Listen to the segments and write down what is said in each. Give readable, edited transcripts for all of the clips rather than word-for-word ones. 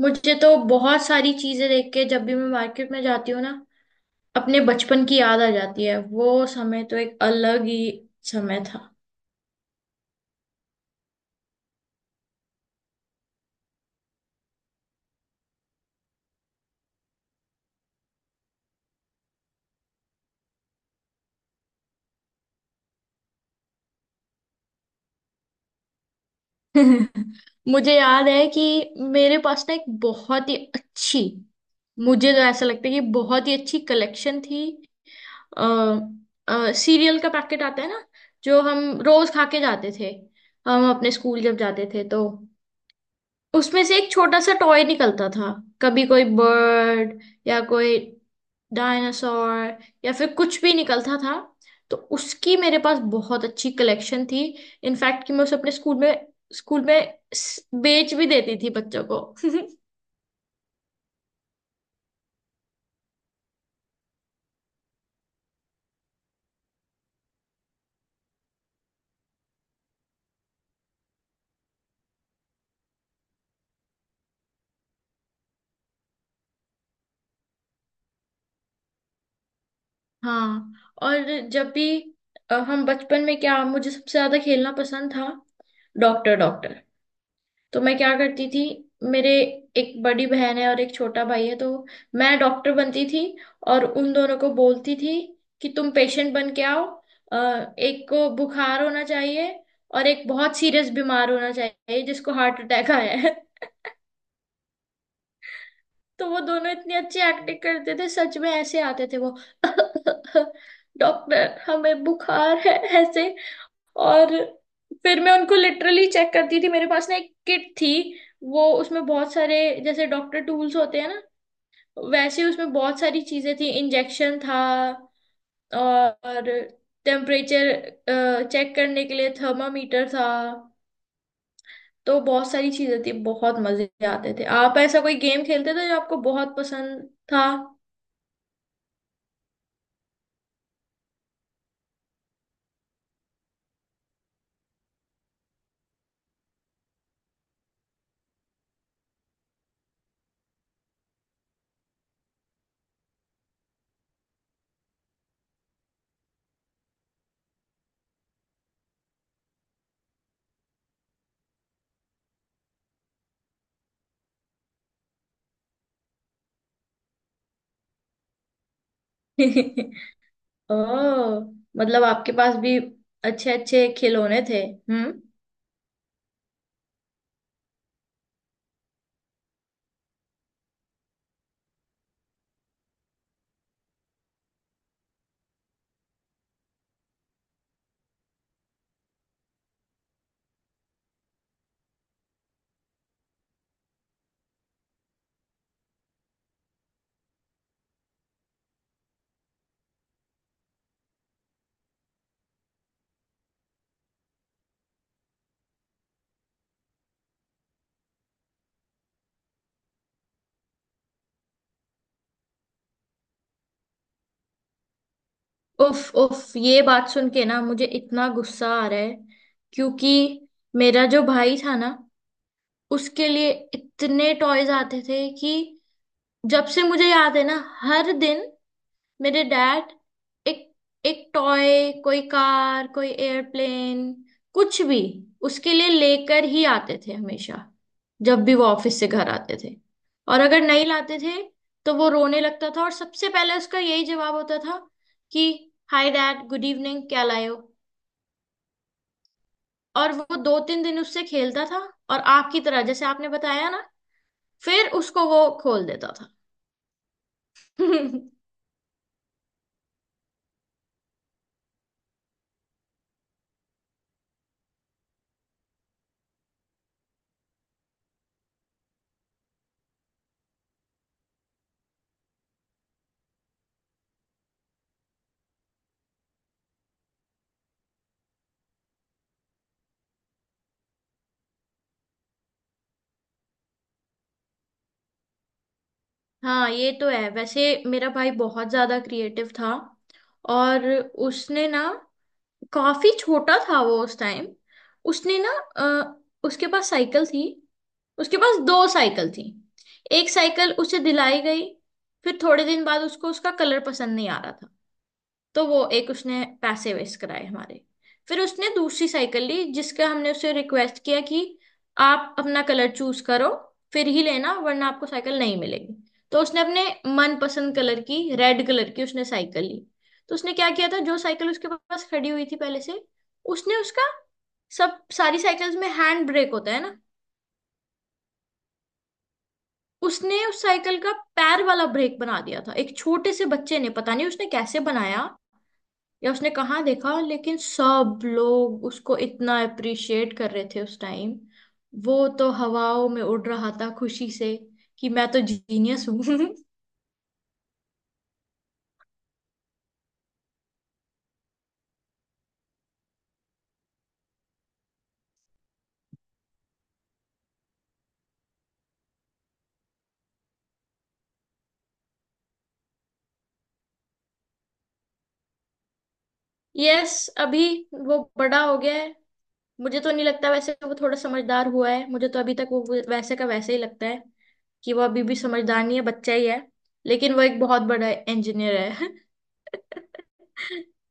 मुझे तो बहुत सारी चीजें देख के जब भी मैं मार्केट में जाती हूँ ना, अपने बचपन की याद आ जाती है। वो समय तो एक अलग ही समय था। मुझे याद है कि मेरे पास ना एक बहुत ही अच्छी, मुझे तो ऐसा लगता है कि बहुत ही अच्छी कलेक्शन थी। अ सीरियल का पैकेट आता है ना, जो हम रोज खा के जाते थे, हम अपने स्कूल जब जाते थे तो उसमें से एक छोटा सा टॉय निकलता था। कभी कोई बर्ड या कोई डायनासोर या फिर कुछ भी निकलता था। तो उसकी मेरे पास बहुत अच्छी कलेक्शन थी। इनफैक्ट कि मैं उसे अपने स्कूल में बेच भी देती थी बच्चों को। हाँ। और जब भी हम बचपन में, क्या मुझे सबसे ज्यादा खेलना पसंद था? Doctor doctor. तो मैं क्या करती थी, मेरे एक बड़ी बहन है और एक छोटा भाई है, तो मैं डॉक्टर बनती थी और उन दोनों को बोलती थी कि तुम पेशेंट बन के आओ। एक को बुखार होना चाहिए और एक बहुत सीरियस बीमार होना चाहिए जिसको हार्ट अटैक आया है। तो वो दोनों इतनी अच्छी एक्टिंग करते थे, सच में ऐसे आते थे वो। डॉक्टर, हमें बुखार है, ऐसे। और फिर मैं उनको लिटरली चेक करती थी, मेरे पास ना एक किट थी। वो उसमें बहुत सारे, जैसे डॉक्टर टूल्स होते हैं ना वैसे, उसमें बहुत सारी चीजें थी। इंजेक्शन था और टेम्परेचर चेक करने के लिए थर्मामीटर था। तो बहुत सारी चीजें थी, बहुत मजे आते थे। आप ऐसा कोई गेम खेलते थे जो आपको बहुत पसंद था? ओह, मतलब आपके पास भी अच्छे अच्छे खिलौने थे। हम्म। उफ उफ, ये बात सुन के ना मुझे इतना गुस्सा आ रहा है, क्योंकि मेरा जो भाई था ना, उसके लिए इतने टॉयज आते थे कि जब से मुझे याद है ना, हर दिन मेरे डैड एक एक टॉय, कोई कार कोई एयरप्लेन, कुछ भी उसके लिए लेकर ही आते थे हमेशा जब भी वो ऑफिस से घर आते थे। और अगर नहीं लाते थे तो वो रोने लगता था, और सबसे पहले उसका यही जवाब होता था कि हाय डैड, गुड इवनिंग, क्या लाए हो? और वो दो तीन दिन उससे खेलता था। और आपकी तरह, जैसे आपने बताया ना, फिर उसको वो खोल देता था। हाँ ये तो है। वैसे मेरा भाई बहुत ज्यादा क्रिएटिव था, और उसने ना, काफी छोटा था वो उस टाइम, उसने ना उसके पास साइकिल थी, उसके पास दो साइकिल थी। एक साइकिल उसे दिलाई गई, फिर थोड़े दिन बाद उसको उसका कलर पसंद नहीं आ रहा था, तो वो एक उसने पैसे वेस्ट कराए हमारे। फिर उसने दूसरी साइकिल ली, जिसका हमने उसे रिक्वेस्ट किया कि आप अपना कलर चूज करो फिर ही लेना, वरना आपको साइकिल नहीं मिलेगी। तो उसने अपने मनपसंद कलर की, रेड कलर की उसने साइकिल ली। तो उसने क्या किया था, जो साइकिल उसके पास खड़ी हुई थी पहले से, उसने उसका, सब सारी साइकिल्स में हैंड ब्रेक होता है ना, उसने उस साइकिल का पैर वाला ब्रेक बना दिया था। एक छोटे से बच्चे ने, पता नहीं उसने कैसे बनाया या उसने कहाँ देखा, लेकिन सब लोग उसको इतना अप्रिशिएट कर रहे थे उस टाइम, वो तो हवाओं में उड़ रहा था खुशी से कि मैं तो जीनियस हूँ। यस, अभी वो बड़ा हो गया है। मुझे तो नहीं लगता, वैसे वो थोड़ा समझदार हुआ है, मुझे तो अभी तक वो वैसे का वैसे ही लगता है, कि वो अभी भी समझदार नहीं है, बच्चा ही है। लेकिन वो एक बहुत बड़ा इंजीनियर है।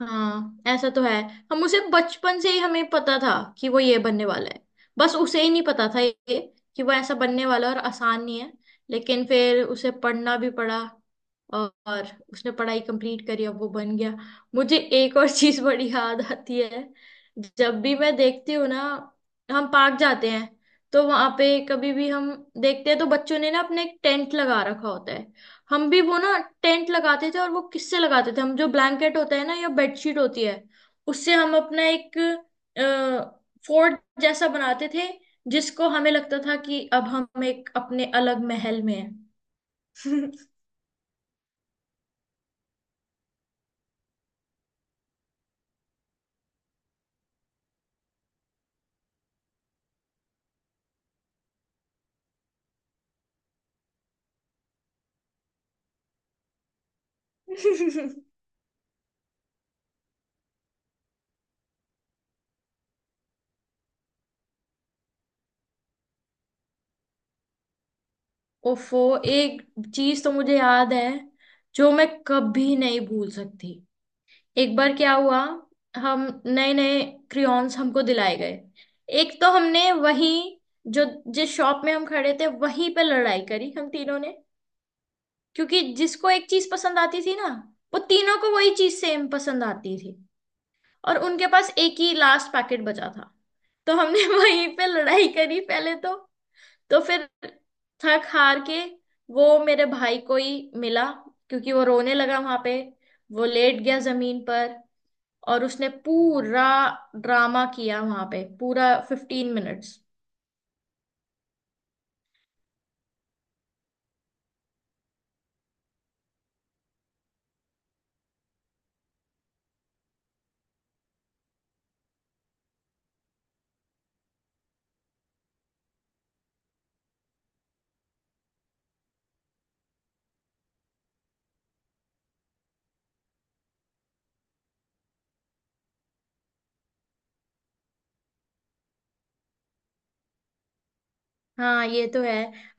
हाँ ऐसा तो है, हम उसे बचपन से ही, हमें पता था कि वो ये बनने वाला है। बस उसे ही नहीं पता था ये, कि वो ऐसा बनने वाला है और आसान नहीं है। लेकिन फिर उसे पढ़ना भी पड़ा, और उसने पढ़ाई कंप्लीट करी, अब वो बन गया। मुझे एक और चीज बड़ी याद आती है, जब भी मैं देखती हूँ ना, हम पार्क जाते हैं तो वहां पे कभी भी हम देखते हैं तो बच्चों ने ना अपने एक टेंट लगा रखा होता है। हम भी वो ना टेंट लगाते थे, और वो किससे लगाते थे, हम जो ब्लैंकेट होता है ना या बेडशीट होती है, उससे हम अपना एक फोर्ट जैसा बनाते थे, जिसको हमें लगता था कि अब हम एक अपने अलग महल में हैं। ओफो, एक चीज तो मुझे याद है जो मैं कभी नहीं भूल सकती। एक बार क्या हुआ, हम नए नए क्रियॉन्स हमको दिलाए गए, एक तो हमने वही, जो जिस शॉप में हम खड़े थे वहीं पे लड़ाई करी हम तीनों ने। क्योंकि जिसको एक चीज पसंद आती थी ना, वो तीनों को वही चीज सेम पसंद आती थी, और उनके पास एक ही लास्ट पैकेट बचा था। तो हमने वहीं पे लड़ाई करी पहले तो। तो फिर थक हार के वो मेरे भाई को ही मिला, क्योंकि वो रोने लगा वहां पे, वो लेट गया जमीन पर, और उसने पूरा ड्रामा किया वहां पे, पूरा 15 मिनट्स। हाँ ये तो है।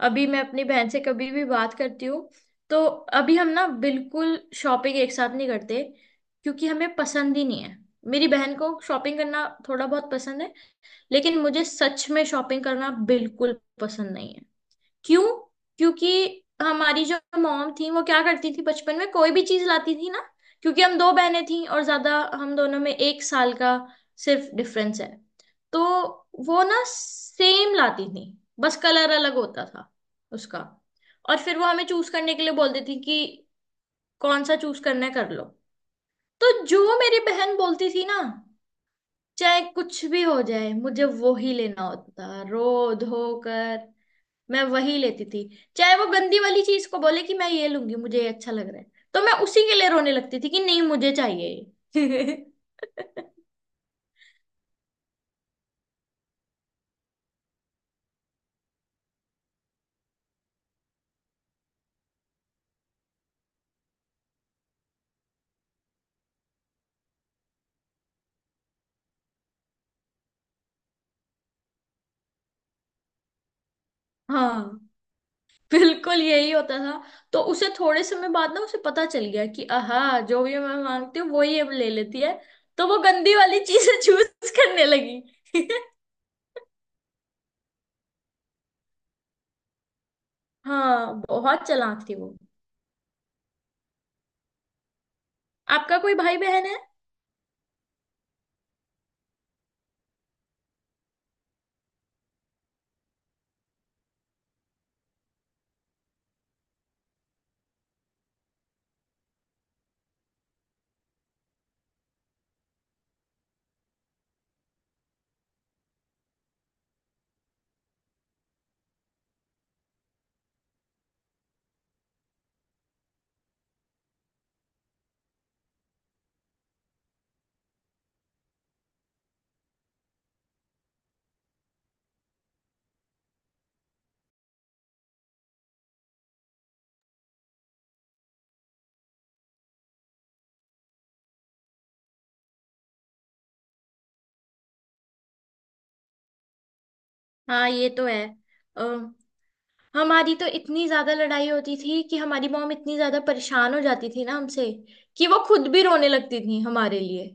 अभी मैं अपनी बहन से कभी भी बात करती हूँ तो, अभी हम ना बिल्कुल शॉपिंग एक साथ नहीं करते, क्योंकि हमें पसंद ही नहीं है। मेरी बहन को शॉपिंग करना थोड़ा बहुत पसंद है, लेकिन मुझे सच में शॉपिंग करना बिल्कुल पसंद नहीं है। क्यों? क्योंकि हमारी जो मॉम थी वो क्या करती थी, बचपन में कोई भी चीज लाती थी ना, क्योंकि हम दो बहनें थी और ज्यादा, हम दोनों में 1 साल का सिर्फ डिफरेंस है, तो वो ना सेम लाती थी, बस कलर अलग होता था उसका। और फिर वो हमें चूज करने के लिए बोलती थी कि कौन सा चूज करना है कर लो। तो जो मेरी बहन बोलती थी ना, चाहे कुछ भी हो जाए, मुझे वो ही लेना होता था, रो धो कर मैं वही लेती थी। चाहे वो गंदी वाली चीज को बोले कि मैं ये लूंगी, मुझे ये अच्छा लग रहा है, तो मैं उसी के लिए रोने लगती थी कि नहीं मुझे चाहिए ये। हाँ बिल्कुल यही होता था। तो उसे थोड़े समय बाद ना उसे पता चल गया कि आहा, जो भी मैं मांगती हूँ वो ही अब ले लेती है, तो वो गंदी वाली चीजें चूज करने लगी। हाँ बहुत चालाक थी वो। आपका कोई भाई बहन है? हाँ ये तो है, हमारी तो इतनी ज्यादा लड़ाई होती थी कि हमारी मॉम इतनी ज्यादा परेशान हो जाती थी ना हमसे, कि वो खुद भी रोने लगती थी हमारे लिए।